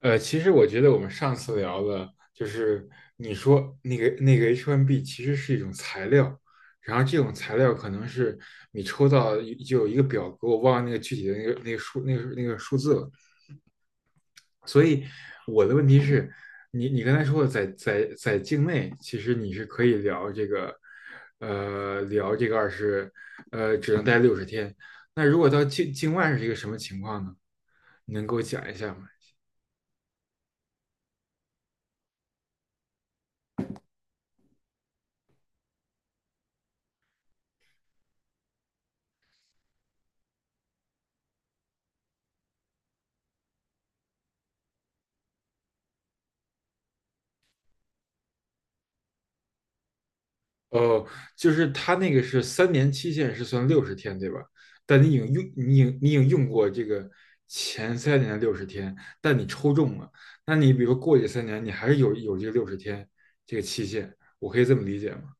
其实我觉得我们上次聊的就是你说那个 H1B 其实是一种材料，然后这种材料可能是你抽到一就有一个表格，我忘了那个具体的那个那个数那个那个数字了。所以我的问题是，你刚才说的在境内，其实你是可以聊这个，呃，聊这个二十，呃，只能待六十天。那如果到境外是一个什么情况呢？你能给我讲一下吗？哦，就是他那个是三年期限是算六十天，对吧？但你已经用，你已经用过这个前3年的六十天，但你抽中了，那你比如说过去3年，你还是有这个六十天这个期限，我可以这么理解吗？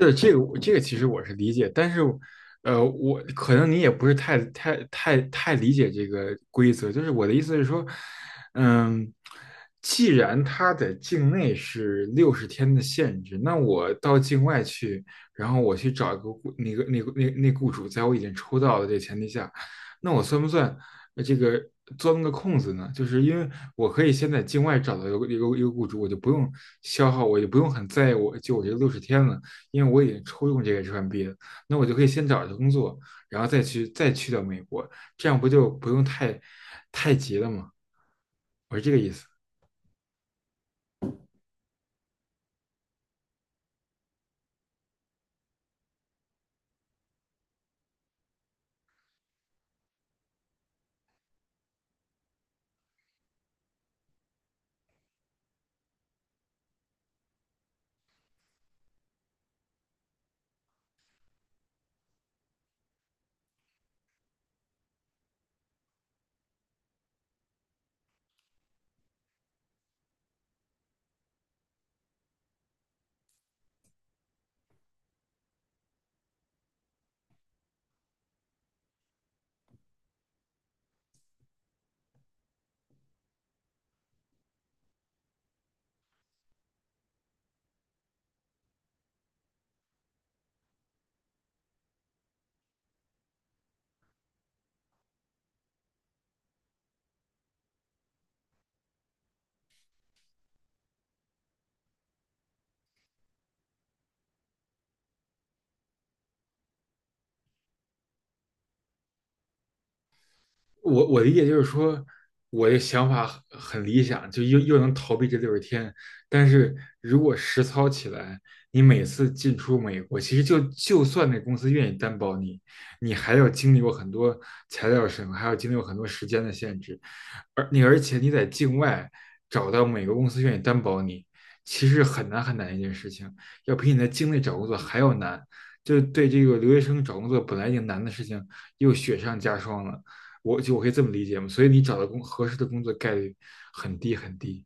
是这个我这个其实我是理解，但是，我可能你也不是太理解这个规则。就是我的意思是说，嗯，既然它在境内是六十天的限制，那我到境外去，然后我去找一个雇那个那个那那雇主，在我已经抽到的这个前提下，那我算不算这个钻个空子呢？就是因为我可以先在境外找到一个雇主，我就不用消耗，我就不用很在意我这六十天了。因为我已经抽中这个 h 民 b 了，那我就可以先找一个工作，然后再去到美国，这样不就不用太急了吗？我是这个意思。我理解就是说，我的想法很理想，就又能逃避这六十天。但是如果实操起来，你每次进出美国，其实就算那公司愿意担保你，你还要经历过很多材料审核，还要经历过很多时间的限制。而且你在境外找到每个公司愿意担保你，其实很难很难一件事情，要比你在境内找工作还要难。就对这个留学生找工作本来已经难的事情，又雪上加霜了。我可以这么理解嘛，所以你找到合适的工作概率很低很低。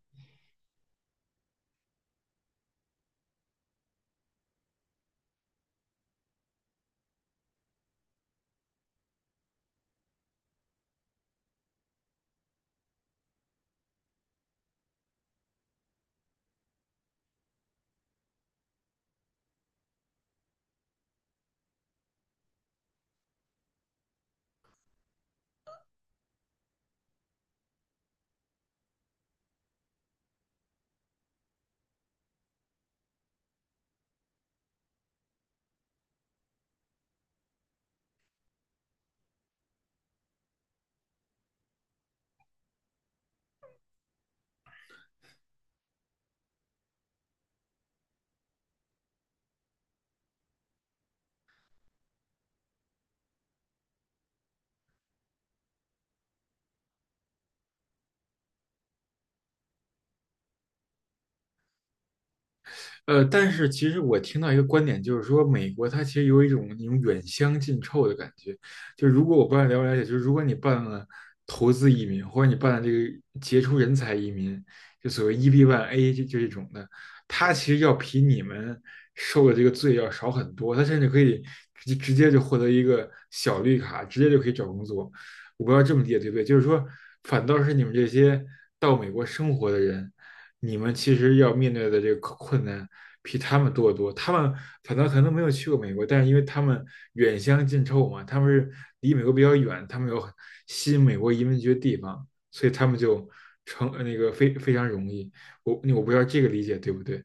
但是其实我听到一个观点，就是说美国它其实有一种那种远香近臭的感觉。就如果我不知道了不了解，就是如果你办了投资移民，或者你办了这个杰出人才移民，就所谓 EB1A 就这种的，它其实要比你们受的这个罪要少很多。它甚至可以直接就获得一个小绿卡，直接就可以找工作。我不知道这么理解对不对？就是说，反倒是你们这些到美国生活的人。你们其实要面对的这个困难比他们多得多。他们反倒可能没有去过美国，但是因为他们远香近臭嘛，他们是离美国比较远，他们有吸引美国移民局的地方，所以他们就成呃那个非非常容易。我不知道这个理解对不对？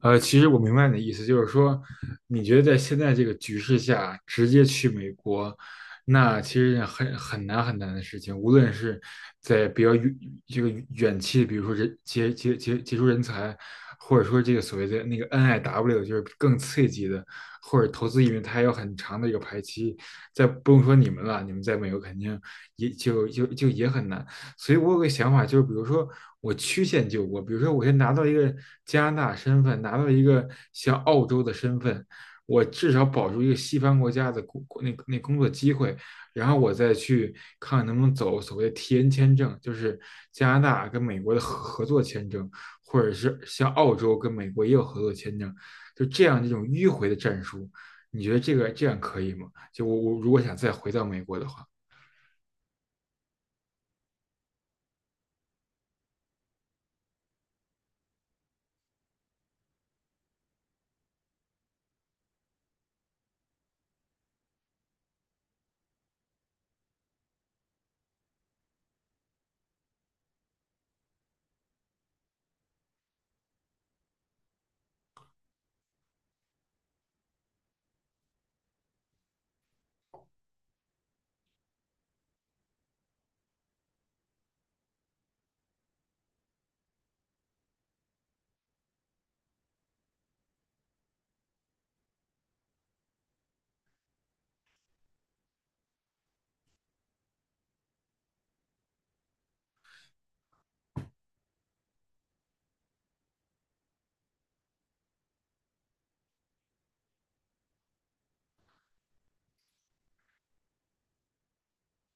其实我明白你的意思，就是说，你觉得在现在这个局势下，直接去美国，那其实是很难很难的事情。无论是在比较远这个远期，比如说人杰杰杰杰出人才，或者说这个所谓的那个 NIW，就是更刺激的，或者投资移民，它还有很长的一个排期。再不用说你们了，你们在美国肯定也就就就也很难。所以我有个想法，就是比如说我曲线救国，比如说我先拿到一个加拿大身份，拿到一个像澳洲的身份，我至少保住一个西方国家的工那那工作机会，然后我再去看看能不能走所谓的 T N 签证，就是加拿大跟美国的合作签证，或者是像澳洲跟美国也有合作签证，就这样一种迂回的战术，你觉得这个这样可以吗？就我如果想再回到美国的话。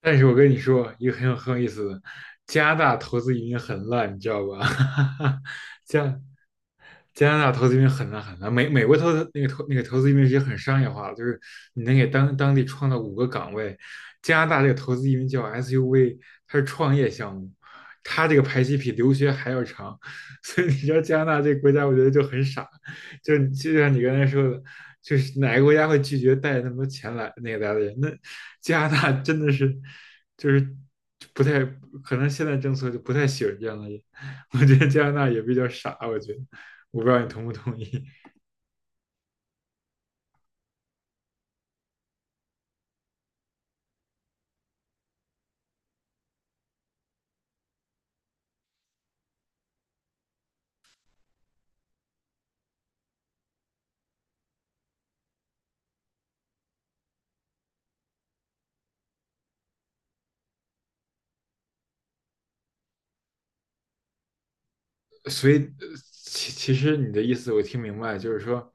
但是我跟你说一个很有意思的，加拿大投资移民很烂，你知道吧？加加拿大投资移民很难很难，美国投资那个投那个投资移民也很商业化，就是你能给当地创造5个岗位。加拿大这个投资移民叫 SUV，它是创业项目，它这个排期比留学还要长，所以你知道加拿大这个国家，我觉得就很傻，就是就像你刚才说的，就是哪个国家会拒绝带那么多钱来来的人？那加拿大真的是就是不太可能，现在政策就不太喜欢这样的人，我觉得加拿大也比较傻，我觉得。我不知道你同不同意。所以，其实你的意思我听明白，就是说，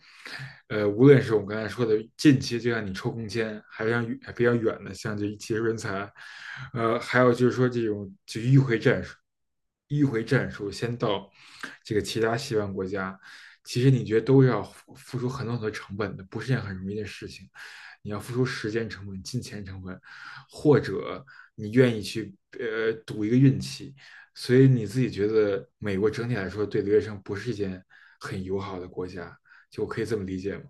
无论是我们刚才说的近期，就像你抽空间，还是像还比较远的，像这技术人才，还有就是说这种就迂回战术，迂回战术先到这个其他西方国家，其实你觉得都是要付出很多很多成本的，不是件很容易的事情。你要付出时间成本、金钱成本，或者你愿意去赌一个运气。所以你自己觉得美国整体来说对留学生不是一件很友好的国家，就我可以这么理解吗？